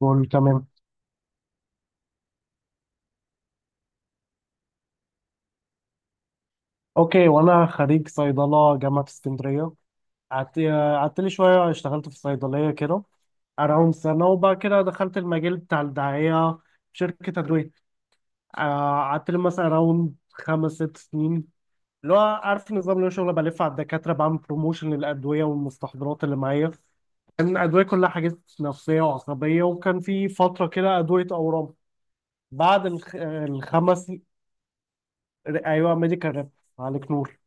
قول تمام. اوكي، وانا خريج صيدله جامعه اسكندريه. قعدت قعدت لي شويه، اشتغلت في صيدليه كده اراوند سنه، وبعد كده دخلت المجال بتاع الدعايه في شركه ادويه. قعدت لي مثلا اراوند خمس ست سنين، اللي هو عارف النظام اللي هو شغل بلف على الدكاتره، بعمل بروموشن للادويه والمستحضرات اللي معايا. كان أدوية كلها حاجات نفسية وعصبية، وكان في فترة كده أدوية أورام. بعد الخمس، أيوة، ميديكال ريب، عليك نور.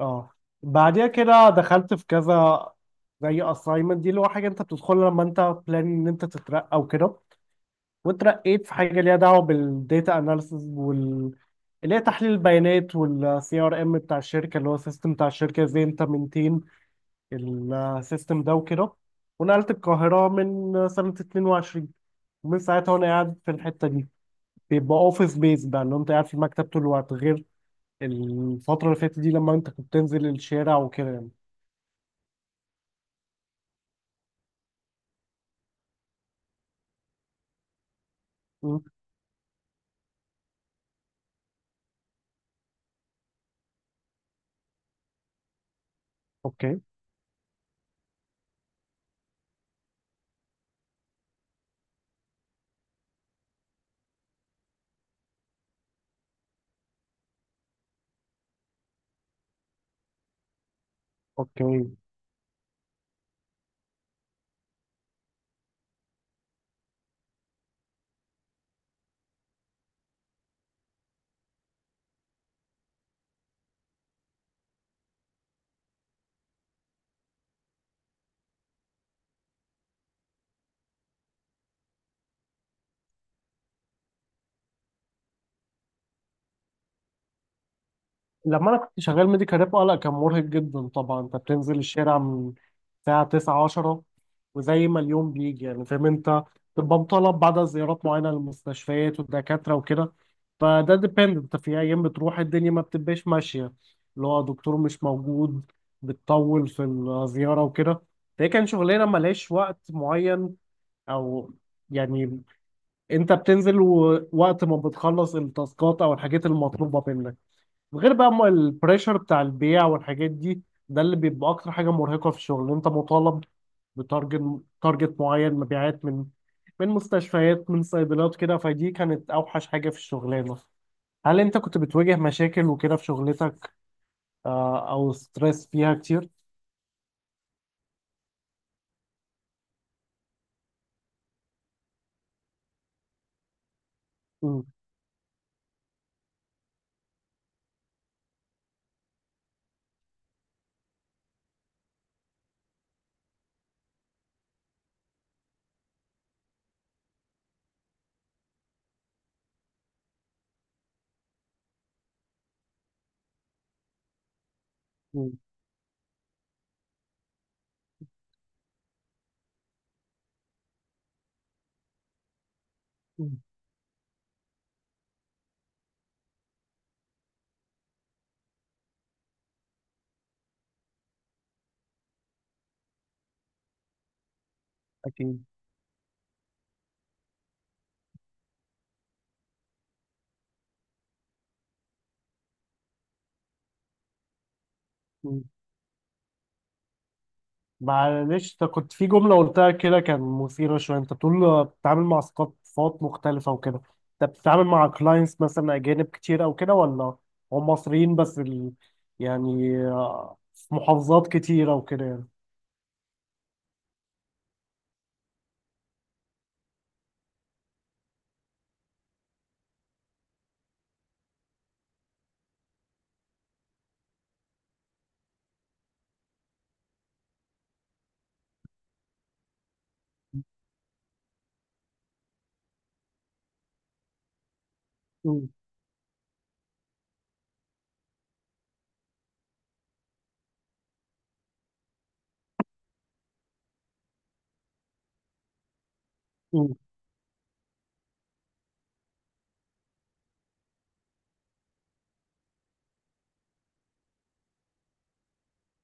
اه، بعديها كده دخلت في كذا، زي assignment دي اللي هو حاجة انت بتدخلها لما انت plan ان انت تترقى وكده. واترقيت في حاجة ليها دعوة بالديتا اناليسز اللي هي تحليل البيانات، والسي ار ام بتاع الشركة اللي هو السيستم بتاع الشركة، ازاي انت منتين السيستم ده وكده. ونقلت القاهرة من سنة 22، ومن ساعتها وانا قاعد في الحتة دي. بيبقى اوفيس بيز بقى، اللي هو انت قاعد في المكتب طول الوقت، غير الفترة اللي فاتت دي لما انت كنت تنزل الشارع وكده يعني. مم. اوكي. اوكي. لما انا كنت شغال ميديكال ريب، اه لا، كان مرهق جدا طبعا. انت بتنزل الشارع من الساعه 9 10، وزي ما اليوم بيجي يعني، فاهم انت، تبقى مطالب بعد زيارات معينه للمستشفيات والدكاتره وكده. فده ديبند، انت في ايام بتروح الدنيا ما بتبقاش ماشيه، اللي هو دكتور مش موجود، بتطول في الزياره وكده. فهي كان شغلانه ملهاش وقت معين، او يعني انت بتنزل، ووقت ما بتخلص التاسكات او الحاجات المطلوبه منك، غير بقى ما البريشر بتاع البيع والحاجات دي. ده اللي بيبقى اكتر حاجه مرهقه في الشغل، انت مطالب بتارجت، تارجت معين مبيعات من مستشفيات، من صيدليات كده، فدي كانت اوحش حاجه في الشغلانه. هل انت كنت بتواجه مشاكل وكده في شغلتك؟ او ستريس فيها كتير؟ مم. مم. مم. اكيد. معلش، انت كنت في جملة قلتها كده، كان مثيرة شوية. انت بتقول بتتعامل مع ثقافات مختلفة وكده، انت بتتعامل مع كلاينتس مثلا أجانب كتير أو كده، ولا هم مصريين بس يعني في محافظات كتيرة وكده يعني. مم. مم.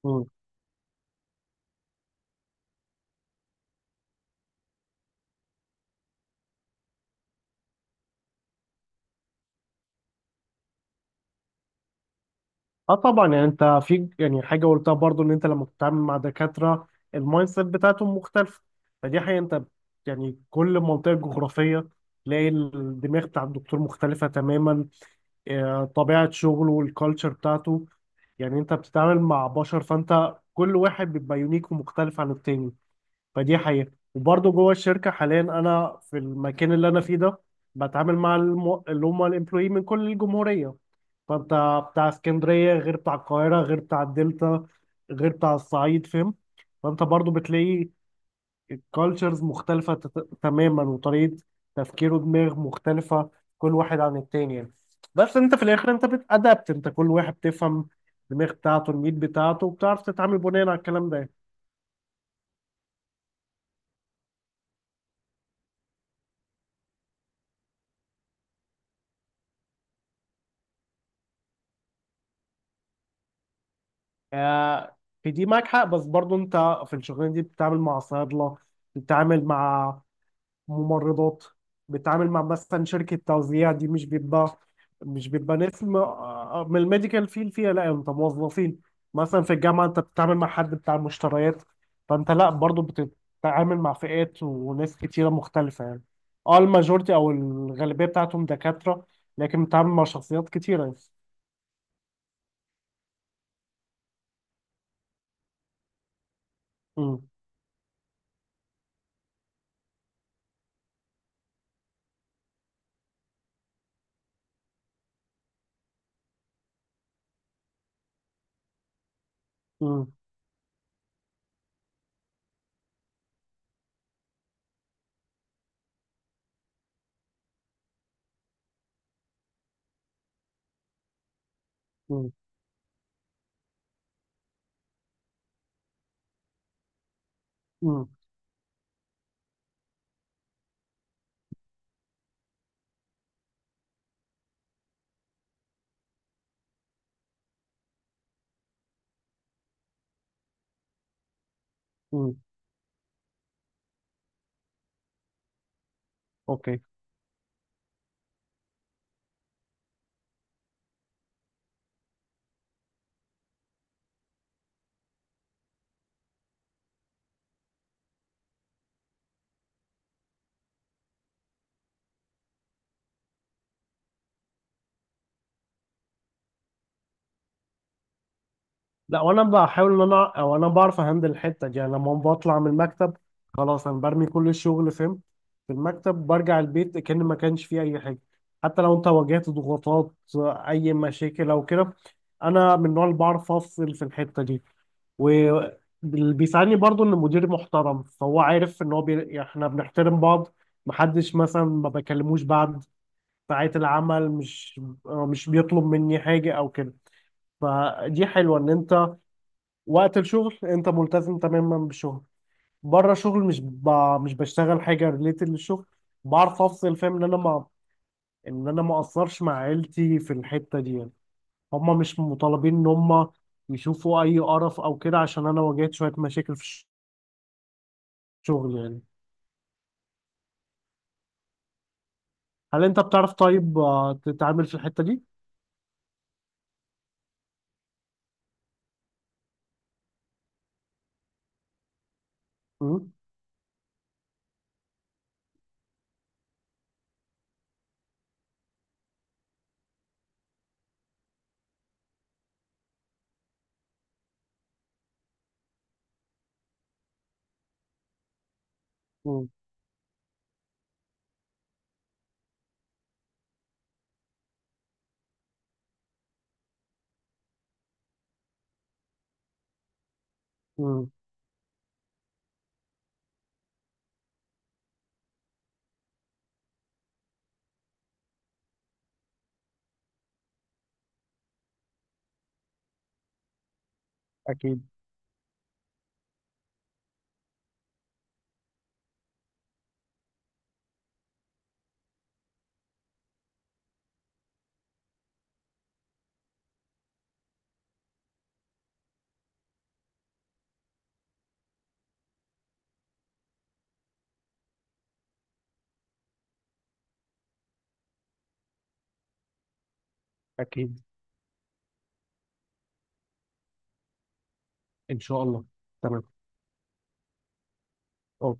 مم. اه طبعا، يعني انت في، يعني حاجه قلتها برضو، ان انت لما بتتعامل مع دكاتره، المايند سيت بتاعتهم مختلفه، فدي حقيقه. انت يعني كل منطقه جغرافيه تلاقي الدماغ بتاع الدكتور مختلفه تماما، طبيعه شغله والكالتشر بتاعته. يعني انت بتتعامل مع بشر، فانت كل واحد بيبقى يونيك ومختلف عن التاني، فدي حقيقه. وبرضو جوه الشركه حاليا، انا في المكان اللي انا فيه ده، بتعامل مع اللي هم الامبلوي من كل الجمهوريه. فانت بتاع اسكندريه غير بتاع القاهره غير بتاع الدلتا غير بتاع الصعيد، فاهم؟ فانت برضو بتلاقي الكالتشرز مختلفه تماما، وطريقه تفكير ودماغ مختلفه كل واحد عن التاني يعني. بس انت في الاخر انت بتأدبت، انت كل واحد بتفهم الدماغ بتاعته، الميت بتاعته، وبتعرف تتعامل بناء على الكلام ده. آه، في دي معاك حق، بس برضو انت في الشغلانه دي بتتعامل مع صيادله، بتتعامل مع ممرضات، بتتعامل مع مثلا شركة توزيع، دي مش بيبقى ناس من الميديكال فيل فيها، لا انت موظفين. مثلا في الجامعة انت بتتعامل مع حد بتاع مشتريات، فانت لا، برضو بتتعامل مع فئات وناس كتيرة مختلفة يعني. اه، الماجورتي او الغالبية بتاعتهم دكاترة، لكن بتتعامل مع شخصيات كتيرة يعني. امم. امم. امم. امم. اوكي. لا، وانا بحاول ان انا، او انا بعرف اهندل الحته دي. يعني لما بطلع من المكتب، خلاص، انا برمي كل الشغل فين؟ في المكتب، برجع البيت كأن ما كانش فيه اي حاجه، حتى لو انت واجهت ضغوطات، اي مشاكل او كده. انا من النوع اللي بعرف افصل في الحته دي. واللي بيساعدني برضو ان المدير محترم، فهو عارف ان هو يعني احنا بنحترم بعض، محدش مثلا ما بكلموش بعد ساعات العمل، مش بيطلب مني حاجه او كده. فدي حلوه، ان انت وقت الشغل انت ملتزم تماما بالشغل، بره الشغل مش بشتغل حاجه ريليتد للشغل. بعرف افصل، فاهم؟ ان انا ما اقصرش مع عيلتي في الحته دي يعني. هم مش مطالبين ان هم يشوفوا اي قرف او كده عشان انا واجهت شويه مشاكل في الشغل يعني. هل انت بتعرف طيب تتعامل في الحته دي؟ امم. امم. امم اكيد اكيد. ان شاء الله. تمام. اوكي.